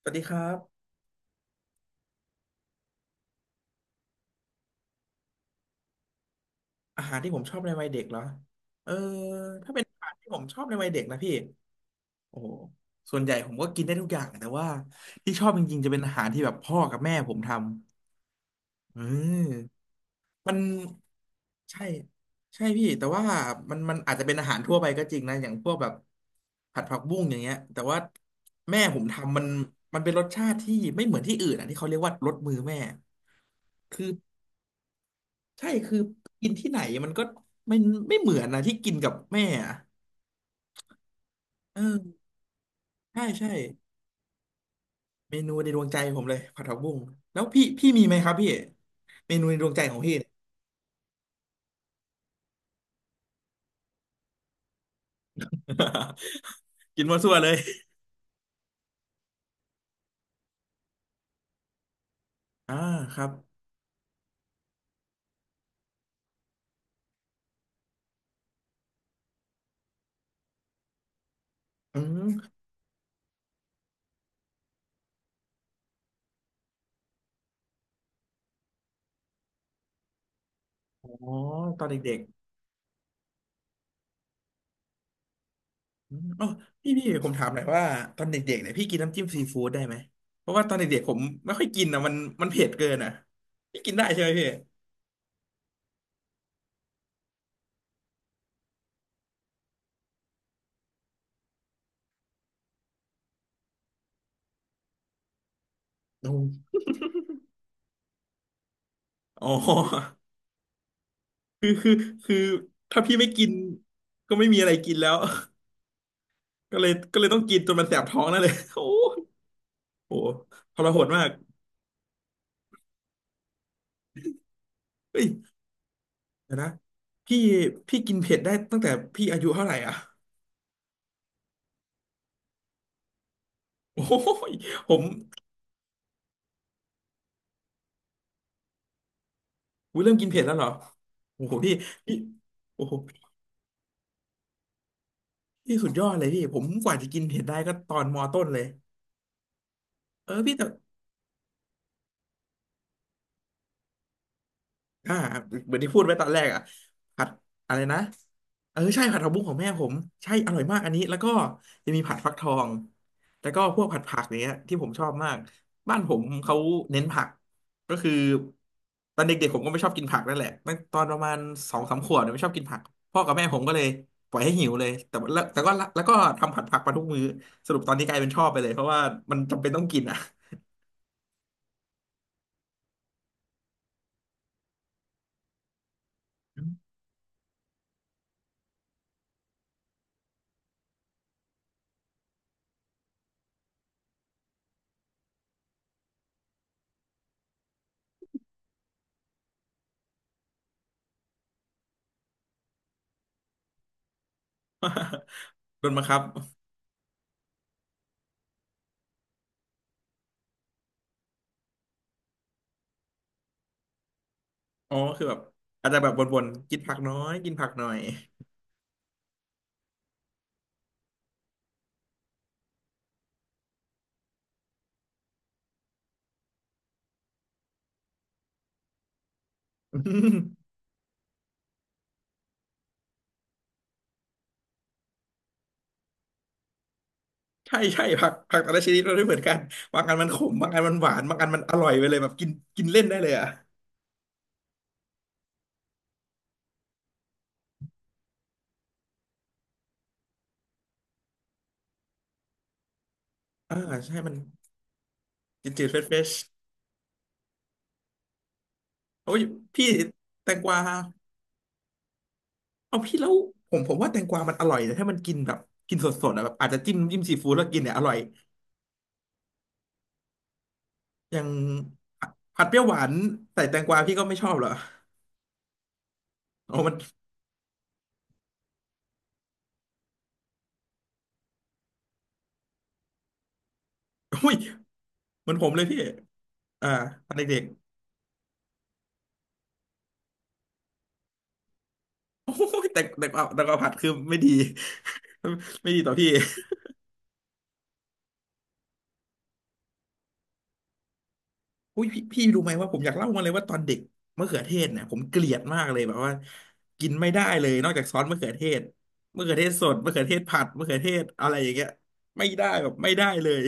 สวัสดีครับอาหารที่ผมชอบในวัยเด็กเหรอเออถ้าเป็นอาหารที่ผมชอบในวัยเด็กนะพี่โอ้โหส่วนใหญ่ผมก็กินได้ทุกอย่างแต่ว่าที่ชอบจริงๆจะเป็นอาหารที่แบบพ่อกับแม่ผมทำเออมันใช่ใช่พี่แต่ว่ามันอาจจะเป็นอาหารทั่วไปก็จริงนะอย่างพวกแบบผัดผักบุ้งอย่างเงี้ยแต่ว่าแม่ผมทำมันมันเป็นรสชาติที่ไม่เหมือนที่อื่นอ่ะที่เขาเรียกว่ารสมือแม่คือ ใช่คือกินที่ไหนมันก็ไม่ไม่เหมือนนะที่กินกับแม่อะเออใช่ใช่เมนูในดวงใจผมเลยผัดผักบุ้งแล้วพี่มีไหมครับพี่เมนูในดวงใจของพี่ กินมั่วซั่วเลยอ่าครับอืมอ๋อตอนเด็กๆอืมอ๋อพี่ผมถามหน่อยว่าตอนเด็กๆเนี่ยพี่กินน้ำจิ้มซีฟู้ดได้ไหมเพราะว่าตอนเด็กๆผมไม่ค่อยกินนะมันมันเผ็ดเกินอ่ะพี่กินได้ใช่ไหมพี่โอ้โห คือคือคือถ้าพี่ไม่กินก็ไม่มีอะไรกินแล้ว ก็เลยต้องกินจนมันแสบท้องนั่นเลย โอ้ยโหทรหดมากเฮ้ยเดี๋ยวนะพี่พี่กินเผ็ดได้ตั้งแต่พี่อายุเท่าไหร่อ่ะ โอ้ยผมอุ๊ยเริ่มกินเผ็ดแล้วเหรอโอ้โหพี่พี่โอ้โหพี่สุดยอดเลยพี่ผมกว่าจะกินเผ็ดได้ก็ตอนมอต้นเลยเออพี่แต่ อ่าเหมือนที่พูดไว้ตอนแรกอ่ะผัดอะไรนะเออใช่ผัดผักบุ้งของแม่ผมใช่อร่อยมากอันนี้แล้วก็จะมีผัดฟักทองแล้วก็พวกผัดผักอย่างเงี้ยที่ผมชอบมากบ้านผมเขาเน้นผักก็คือตอนเด็กๆผมก็ไม่ชอบกินผักนั่นแหละตั้งตอนประมาณสองสามขวบเนี่ยไม่ชอบกินผักพ่อกับแม่ผมก็เลยปล่อยให้หิวเลยแต่ว่าแล้วแต่ก็ละแล้วก็ทำผัดผักมาทุกมื้อสรุปตอนนี้กลายเป็นชอบไปเลยเพราะว่ามันจำเป็นต้องกินอ่ะ โดนบังคับ อ๋อคือแบบอาจจะแบบวนๆกินผักน้อยกินผักหน่อย อืมใช่ใช่ผักแต่ละชนิดมันไม่เหมือนกันบางอันมันขมบางอันมันหวานบางอันมันอร่อยไปเลยแบบกินกินเล่นได้เลยอ่ะอ่าใช่มันจืดๆเฟรชเฟชโอ้ยพี่แตงกวาเอาพี่แล้วผมว่าแตงกวามันอร่อยแต่ถ้ามันกินแบบกินสดๆอะแบบอาจจะจิ้มซีฟู้ดแล้วกินเนี่ยอร่อยอย่างผัดเปรี้ยวหวานใส่แตงกวาพี่ก็ไม่ชอบเหรออ๋อมันอุ้ยมันผมเลยพี่อ่าตอนเด็ก โอ้โหแต่แต่กวาผัดคือไม่ดี ไม่ดีต่อพี่อุ้ยพี่รู้ไหมว่าผมอยากเล่ามาเลยว่าตอนเด็กมะเขือเทศเนี่ยผมเกลียดมากเลยแบบว่ากินไม่ได้เลยนอกจากซอสมะเขือเทศมะเขือเทศสดมะเขือเทศผัดมะเขือเทศอะไรอย่างเงี้ยไม่ได้แบบไม่ได้เลย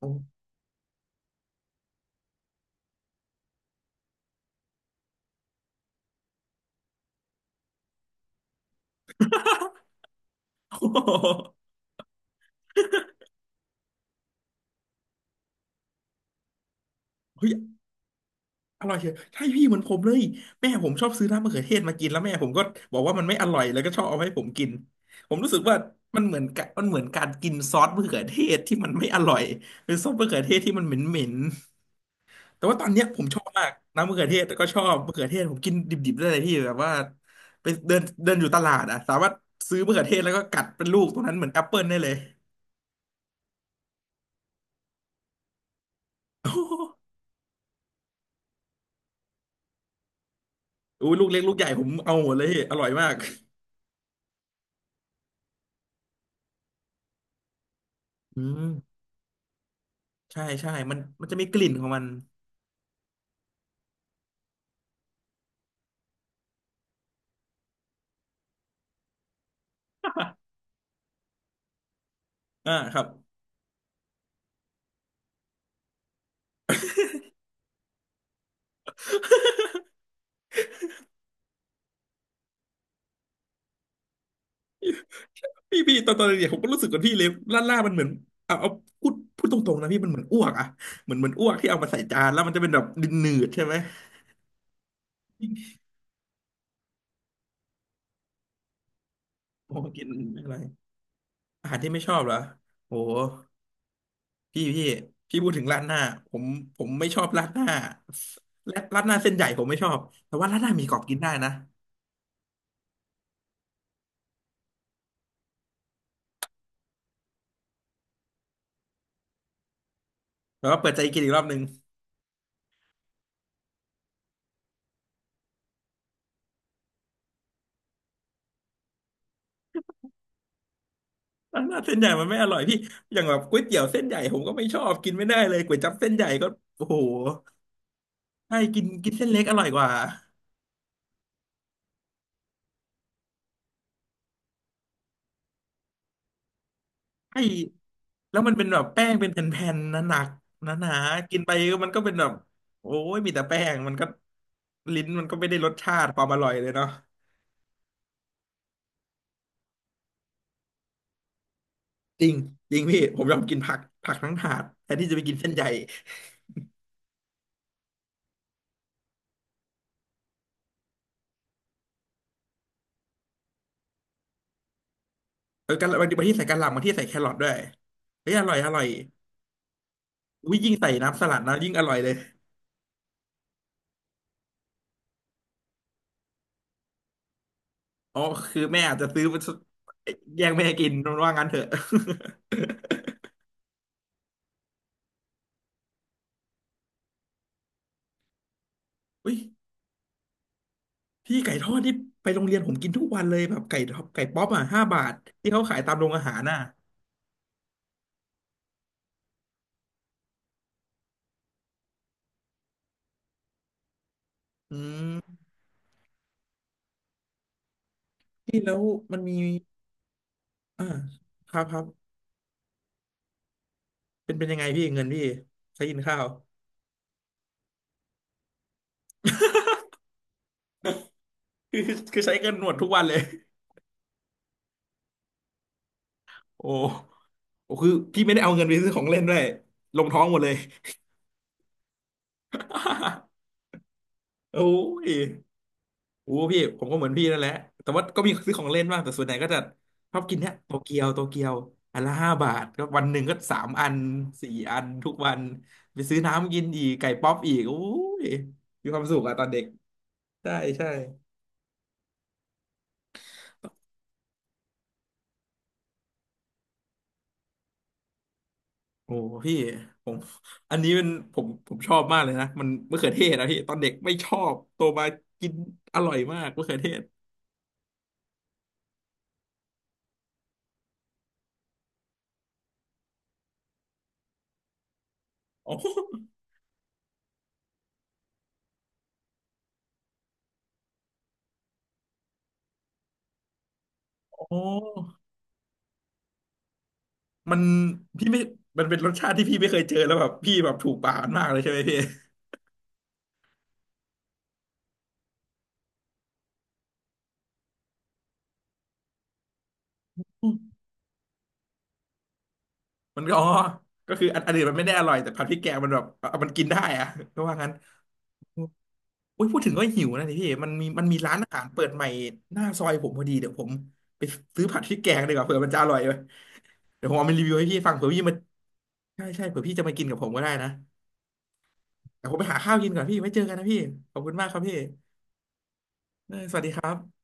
โอ้ โห อร่อยเชียวใช่พี่เหมือนผมเลยแม่ผมชอบซื้อน้ำมะเขือเทศมากินแล้วแม่ผมก็บอกว่ามันไม่อร่อยแล้วก็ชอบเอาให้ผมกินผมรู้สึกว่ามันเหมือนการกินซอสมะเขือเทศที่มันไม่อร่อยหรือซอสมะเขือเทศที่มันเหม็นแต่ว่าตอนเนี้ยผมชอบมากน้ำมะเขือเทศก็ชอบมะเขือเทศผมกินดิบๆได้เลยพี่แบบว่าไปเดินเดินอยู่ตลาดอ่ะสามารถซื้อมะเขือเทศแล้วก็กัดเป็นลูกตรงนั้นเหมือนแอปเปิลได้เลยอู้ยลูกเล็กลูกใหญ่ผมเอาหมดเลยพี่อร่อยมากอืมใช่ใช่มันจะมีกลิ่นของมัน อ่าครับ พี่พี่ตอนเด็กๆผมก็รู้สึกกับพี่เลยล่ามันเหมือนเอาพูดตรงๆนะพี่มันเหมือนอ้วกอะเหมือนอ้วกที่เอามาใส่จานแล้วมันจะเป็นแบบดินหนืดๆใช่ไหมโอ้กินอะไรอาหารที่ไม่ชอบเหรอโอ้พี่พี่พี่พูดถึงราดหน้าผมผมไม่ชอบราดหน้าและราดหน้าเส้นใหญ่ผมไม่ชอบแต่ว่าราดหน้าหมีกรอบกินได้นะแต่ว่าเปิดใจกินอีกรอบหนึ่งราดหน้าเส้นใหญ่มันไม่อร่อยพี่อย่างแบบก๋วยเตี๋ยวเส้นใหญ่ผมก็ไม่ชอบกินไม่ได้เลยก๋วยจั๊บเส้นใหญ่ก็โอ้โหใช่กินกินเส้นเล็กอร่อยกว่า ไอ้แล้วมันเป็นแบบแป้งเป็นแผ่นๆหนักๆหนาๆกินไปก็มันก็เป็นแบบโอ้ยมีแต่แป้งมันก็ลิ้นมันก็ไม่ได้รสชาติความอร่อยเลยเนาะจริงจริงพี่ผมยอมกินผักผักทั้งถาดแทนที่จะไปกินเส้นใหญ่เออกะหล่ำบางทีบางที่ใส่กะหล่ำบางที่ใส่แครอทด้วยเฮ้ยอร่อยอร่อยอุ้ยยิ่งใส่น้ำสลัดนะยิ่งอร่อยเลยอ๋อคือแม่อาจจะซื้อมาแย่งแม่กินว่างั้นเถอะ อุ้ย พี่ไก่ทอดที่ไปโรงเรียนผมกินทุกวันเลยแบบไก่ทอดไก่ป๊อปอ่ะห้าบาทที่เขาขายตามโรงอาหารน่ะอืมพี่แล้วมันมีอ่าครับครับเป็นยังไงพี่เงินพี่ใช้กินข้าวคือคือใช้เงินหมดทุกวันเลยโอ้โอ้คือพี่ไม่ได้เอาเงินไปซื้อของเล่นด้วยลงท้องหมดเลย โอ้ย โอ้พี่ผมก็เหมือนพี่นั่นแหละแต่ว่าก็มีซื้อของเล่นบ้างแต่ส่วนใหญ่ก็จะชอบกินเนี้ยโตเกียวโตเกียวอันละห้าบาทก็วันหนึ่งก็สามอันสี่อันทุกวันไปซื้อน้ำกินอีกไก่ป๊อปอีกโอ้ยมีความสุขอะตอนเด็กใช่ใช่โอ้พี่ผมอันนี้เป็นผมชอบมากเลยนะมันมะเขือเทศนะพี่ตอนเด็กไม่ชอบโตมากินอร่อยมากมะเขือเทศอ๋ออ๋อมันพี่ไม่มันเป็นรสชาติที่พี่ไม่เคยเจอแล้วแบบพี่แบบถูกปากมันมากเลยใช่ไหมพี่ มันก็อ๋อก็คืออันอื่นมันไม่ได้อร่อยแต่ผัดพริกแกงมันแบบเอามันกินได้อะก็ว่างั้นอุ้ยพูดถึงก็หิวนะนี่พี่มันมีร้านอาหารเปิดใหม่หน้าซอยผมพอดีเดี๋ยวผมไปซื้อผัดพริกแกงดีกว่าเผื่อมันจะอร่อยเลยเดี๋ยวผมเอามารีวิวให้พี่ฟังเผื่อพี่มาใช่ใช่เผื่อพี่จะมากินกับผมก็ได้นะแต่ผมไปหาข้าวกินก่อนพี่ไว้เจอกันนะพี่ขอบคุณมากครับพี่เออสวัสดีครับ